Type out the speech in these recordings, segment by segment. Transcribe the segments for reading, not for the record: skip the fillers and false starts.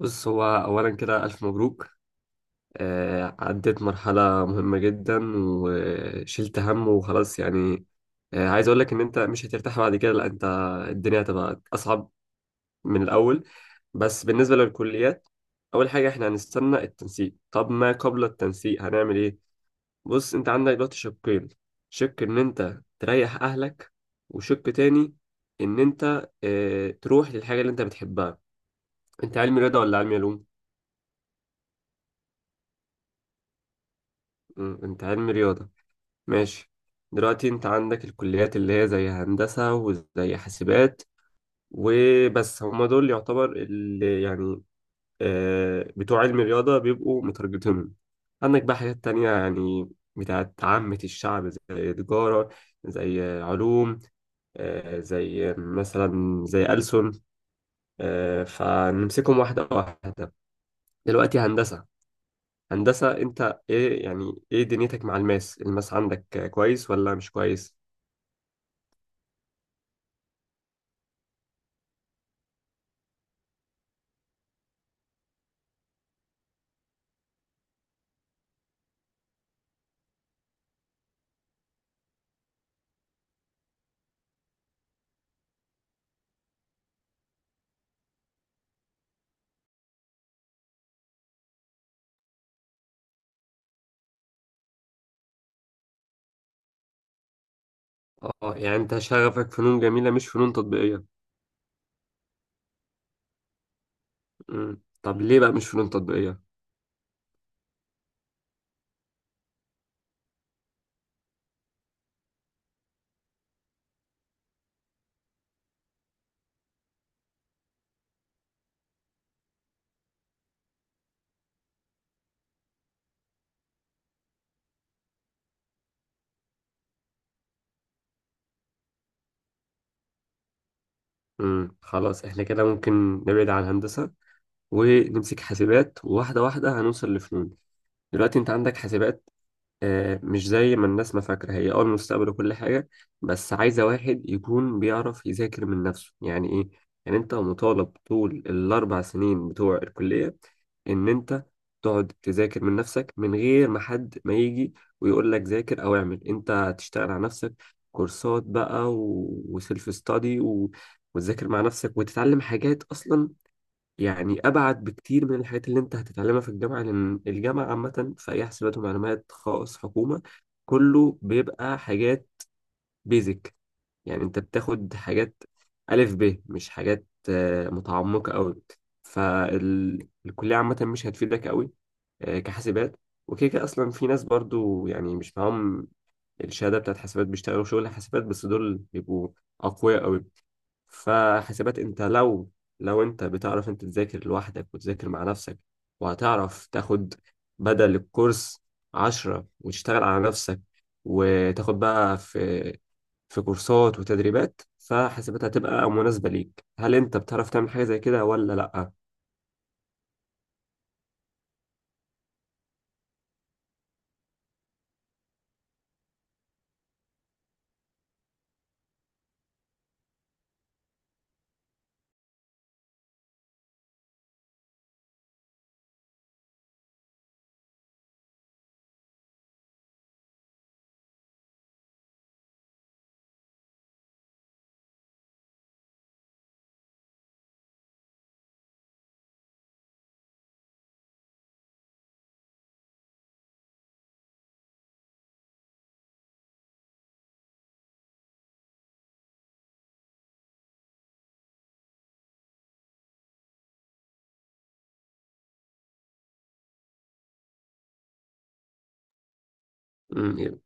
بص هو أولا كده ألف مبروك. عديت مرحلة مهمة جدا وشلت هم وخلاص يعني. عايز أقول لك إن أنت مش هترتاح بعد كده، لا أنت الدنيا هتبقى أصعب من الأول. بس بالنسبة للكليات، أول حاجة إحنا هنستنى التنسيق. طب ما قبل التنسيق هنعمل إيه؟ بص أنت عندك دلوقتي شقين: شق إن أنت تريح أهلك، وشق تاني إن أنت تروح للحاجة اللي أنت بتحبها. أنت علمي رياضة ولا علمي علوم؟ أنت علمي رياضة، ماشي. دلوقتي انت عندك الكليات اللي هي زي هندسة وزي حاسبات، وبس هما دول يعتبر اللي يعني بتوع علم الرياضة بيبقوا مترجتهم. عندك بقى حاجات تانية يعني، بتاعت عامة الشعب، زي تجارة، زي علوم، زي مثلا زي ألسن. فنمسكهم واحدة واحدة. دلوقتي هندسة، هندسة انت ايه يعني ايه دنيتك مع الماس؟ الماس عندك كويس ولا مش كويس؟ اه، يعني انت شغفك فنون جميلة مش فنون تطبيقية. مم. طب ليه بقى مش فنون تطبيقية؟ مم. خلاص احنا كده ممكن نبعد عن هندسة ونمسك حاسبات، وواحدة واحدة هنوصل لفنون. دلوقتي انت عندك حاسبات، مش زي ما الناس ما فاكرة هي المستقبل وكل حاجة، بس عايزة واحد يكون بيعرف يذاكر من نفسه. يعني ايه؟ يعني انت مطالب طول الاربع سنين بتوع الكلية ان انت تقعد تذاكر من نفسك من غير ما حد ما يجي ويقول لك ذاكر او اعمل. انت هتشتغل على نفسك، كورسات بقى و... وسيلف ستادي و... وتذاكر مع نفسك وتتعلم حاجات اصلا، يعني ابعد بكتير من الحاجات اللي انت هتتعلمها في الجامعه، لان الجامعه عامه في اي حسابات ومعلومات خاص حكومه كله بيبقى حاجات بيزك. يعني انت بتاخد حاجات الف ب، مش حاجات متعمقه قوي. فالكليه عامه مش هتفيدك قوي كحاسبات. وكده كده اصلا في ناس برضو يعني مش معاهم الشهاده بتاعت حاسبات بيشتغلوا شغل حاسبات، بس دول بيبقوا اقوياء قوي. فحاسبات انت لو انت بتعرف انت تذاكر لوحدك وتذاكر مع نفسك، وهتعرف تاخد بدل الكورس عشرة وتشتغل على نفسك وتاخد بقى في كورسات وتدريبات، فحاسبات هتبقى مناسبة ليك. هل انت بتعرف تعمل حاجة زي كده ولا لأ؟ مم،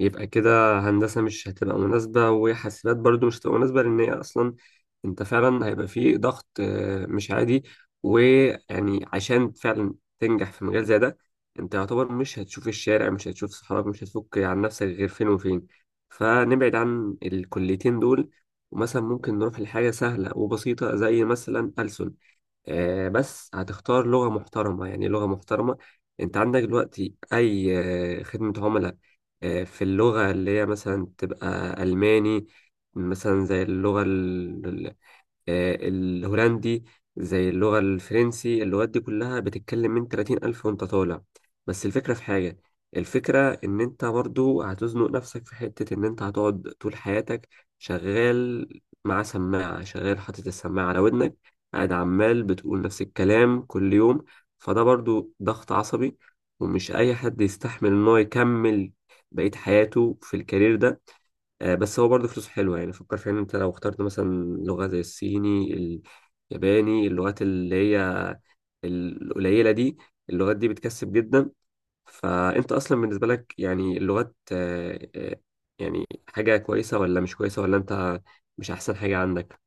يبقى كده هندسة مش هتبقى مناسبة وحاسبات برضو مش هتبقى مناسبة، لأن هي أصلا أنت فعلا هيبقى فيه ضغط مش عادي. ويعني عشان فعلا تنجح في مجال زي ده أنت يعتبر مش هتشوف الشارع، مش هتشوف صحابك، مش هتفك عن نفسك غير فين وفين. فنبعد عن الكليتين دول، ومثلا ممكن نروح لحاجة سهلة وبسيطة زي مثلا ألسن. بس هتختار لغة محترمة، يعني لغة محترمة. انت عندك دلوقتي اي خدمة عملاء في اللغة اللي هي مثلا تبقى ألماني، مثلا زي اللغة الهولندي، زي اللغة الفرنسي. اللغات دي كلها بتتكلم من 30 ألف وانت طالع. بس الفكرة في حاجة، الفكرة إن أنت برضو هتزنق نفسك في حتة إن أنت هتقعد طول حياتك شغال مع سماعة، شغال حاطط السماعة على ودنك، قاعد عمال بتقول نفس الكلام كل يوم. فده برضو ضغط عصبي، ومش أي حد يستحمل إن هو يكمل بقية حياته في الكارير ده. بس هو برضه فلوسه حلوة، يعني فكر فيها ان انت لو اخترت مثلا لغة زي الصيني، الياباني، اللغات اللي هي القليلة دي، اللغات دي بتكسب جدا. فانت اصلا بالنسبة لك يعني اللغات يعني حاجة كويسة ولا مش كويسة، ولا انت مش احسن حاجة عندك؟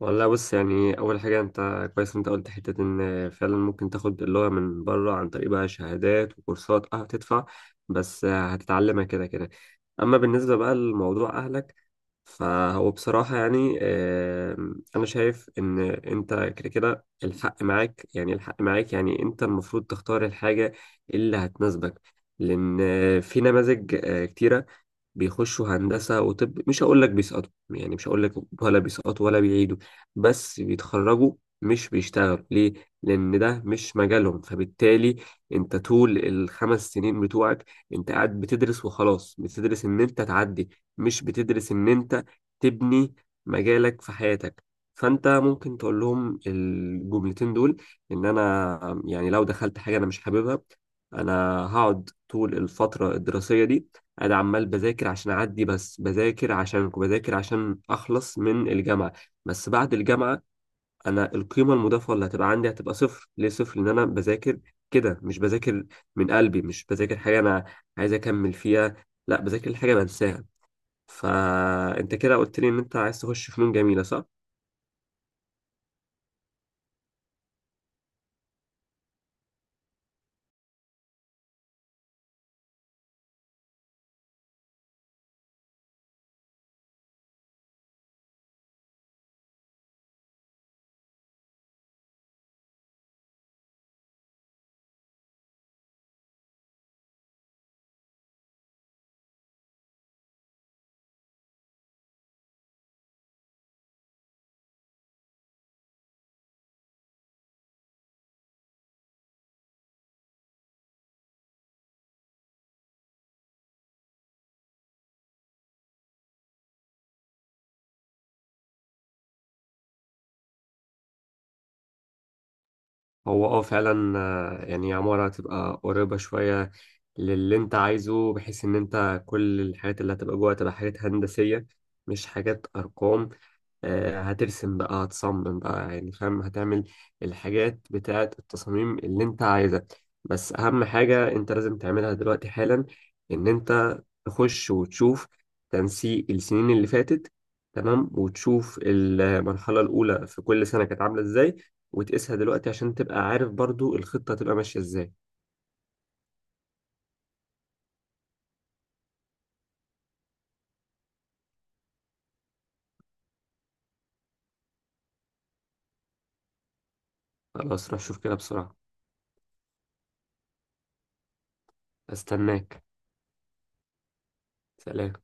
والله بص يعني اول حاجة انت كويس إن انت قلت حتة ان فعلا ممكن تاخد اللغة من بره عن طريق بقى شهادات وكورسات، هتدفع بس هتتعلمها كده كده. اما بالنسبة بقى لموضوع اهلك، فهو بصراحة يعني، أنا شايف إن أنت كده كده الحق معاك، يعني الحق معاك، يعني أنت المفروض تختار الحاجة اللي هتناسبك، لأن في نماذج كتيرة بيخشوا هندسة وطب، مش هقول لك بيسقطوا، يعني مش هقول لك ولا بيسقطوا ولا بيعيدوا، بس بيتخرجوا مش بيشتغلوا. ليه؟ لأن ده مش مجالهم. فبالتالي أنت طول الخمس سنين بتوعك أنت قاعد بتدرس وخلاص، بتدرس إن أنت تعدي، مش بتدرس إن أنت تبني مجالك في حياتك. فأنت ممكن تقول لهم الجملتين دول: إن أنا يعني لو دخلت حاجة أنا مش حاببها، أنا هقعد طول الفترة الدراسية دي انا عمال بذاكر عشان اعدي، بس بذاكر عشانك، بذاكر عشان اخلص من الجامعه. بس بعد الجامعه انا القيمه المضافه اللي هتبقى عندي هتبقى صفر. ليه صفر؟ لان انا بذاكر كده، مش بذاكر من قلبي، مش بذاكر حاجه انا عايز اكمل فيها، لا بذاكر حاجه بنساها. فانت كده قلت لي ان انت عايز تخش فنون جميله، صح؟ هو فعلا، يعني عمارة هتبقى قريبة شوية للي انت عايزه، بحيث ان انت كل الحاجات اللي هتبقى جوه هتبقى حاجات هندسية مش حاجات أرقام. هترسم بقى هتصمم بقى يعني فاهم، هتعمل الحاجات بتاعة التصاميم اللي انت عايزها. بس اهم حاجة انت لازم تعملها دلوقتي حالا ان انت تخش وتشوف تنسيق السنين اللي فاتت، تمام، وتشوف المرحلة الأولى في كل سنة كانت عاملة ازاي، وتقيسها دلوقتي عشان تبقى عارف برضو الخطة تبقى ماشية ازاي. خلاص روح شوف كده بسرعة. استناك. سلام.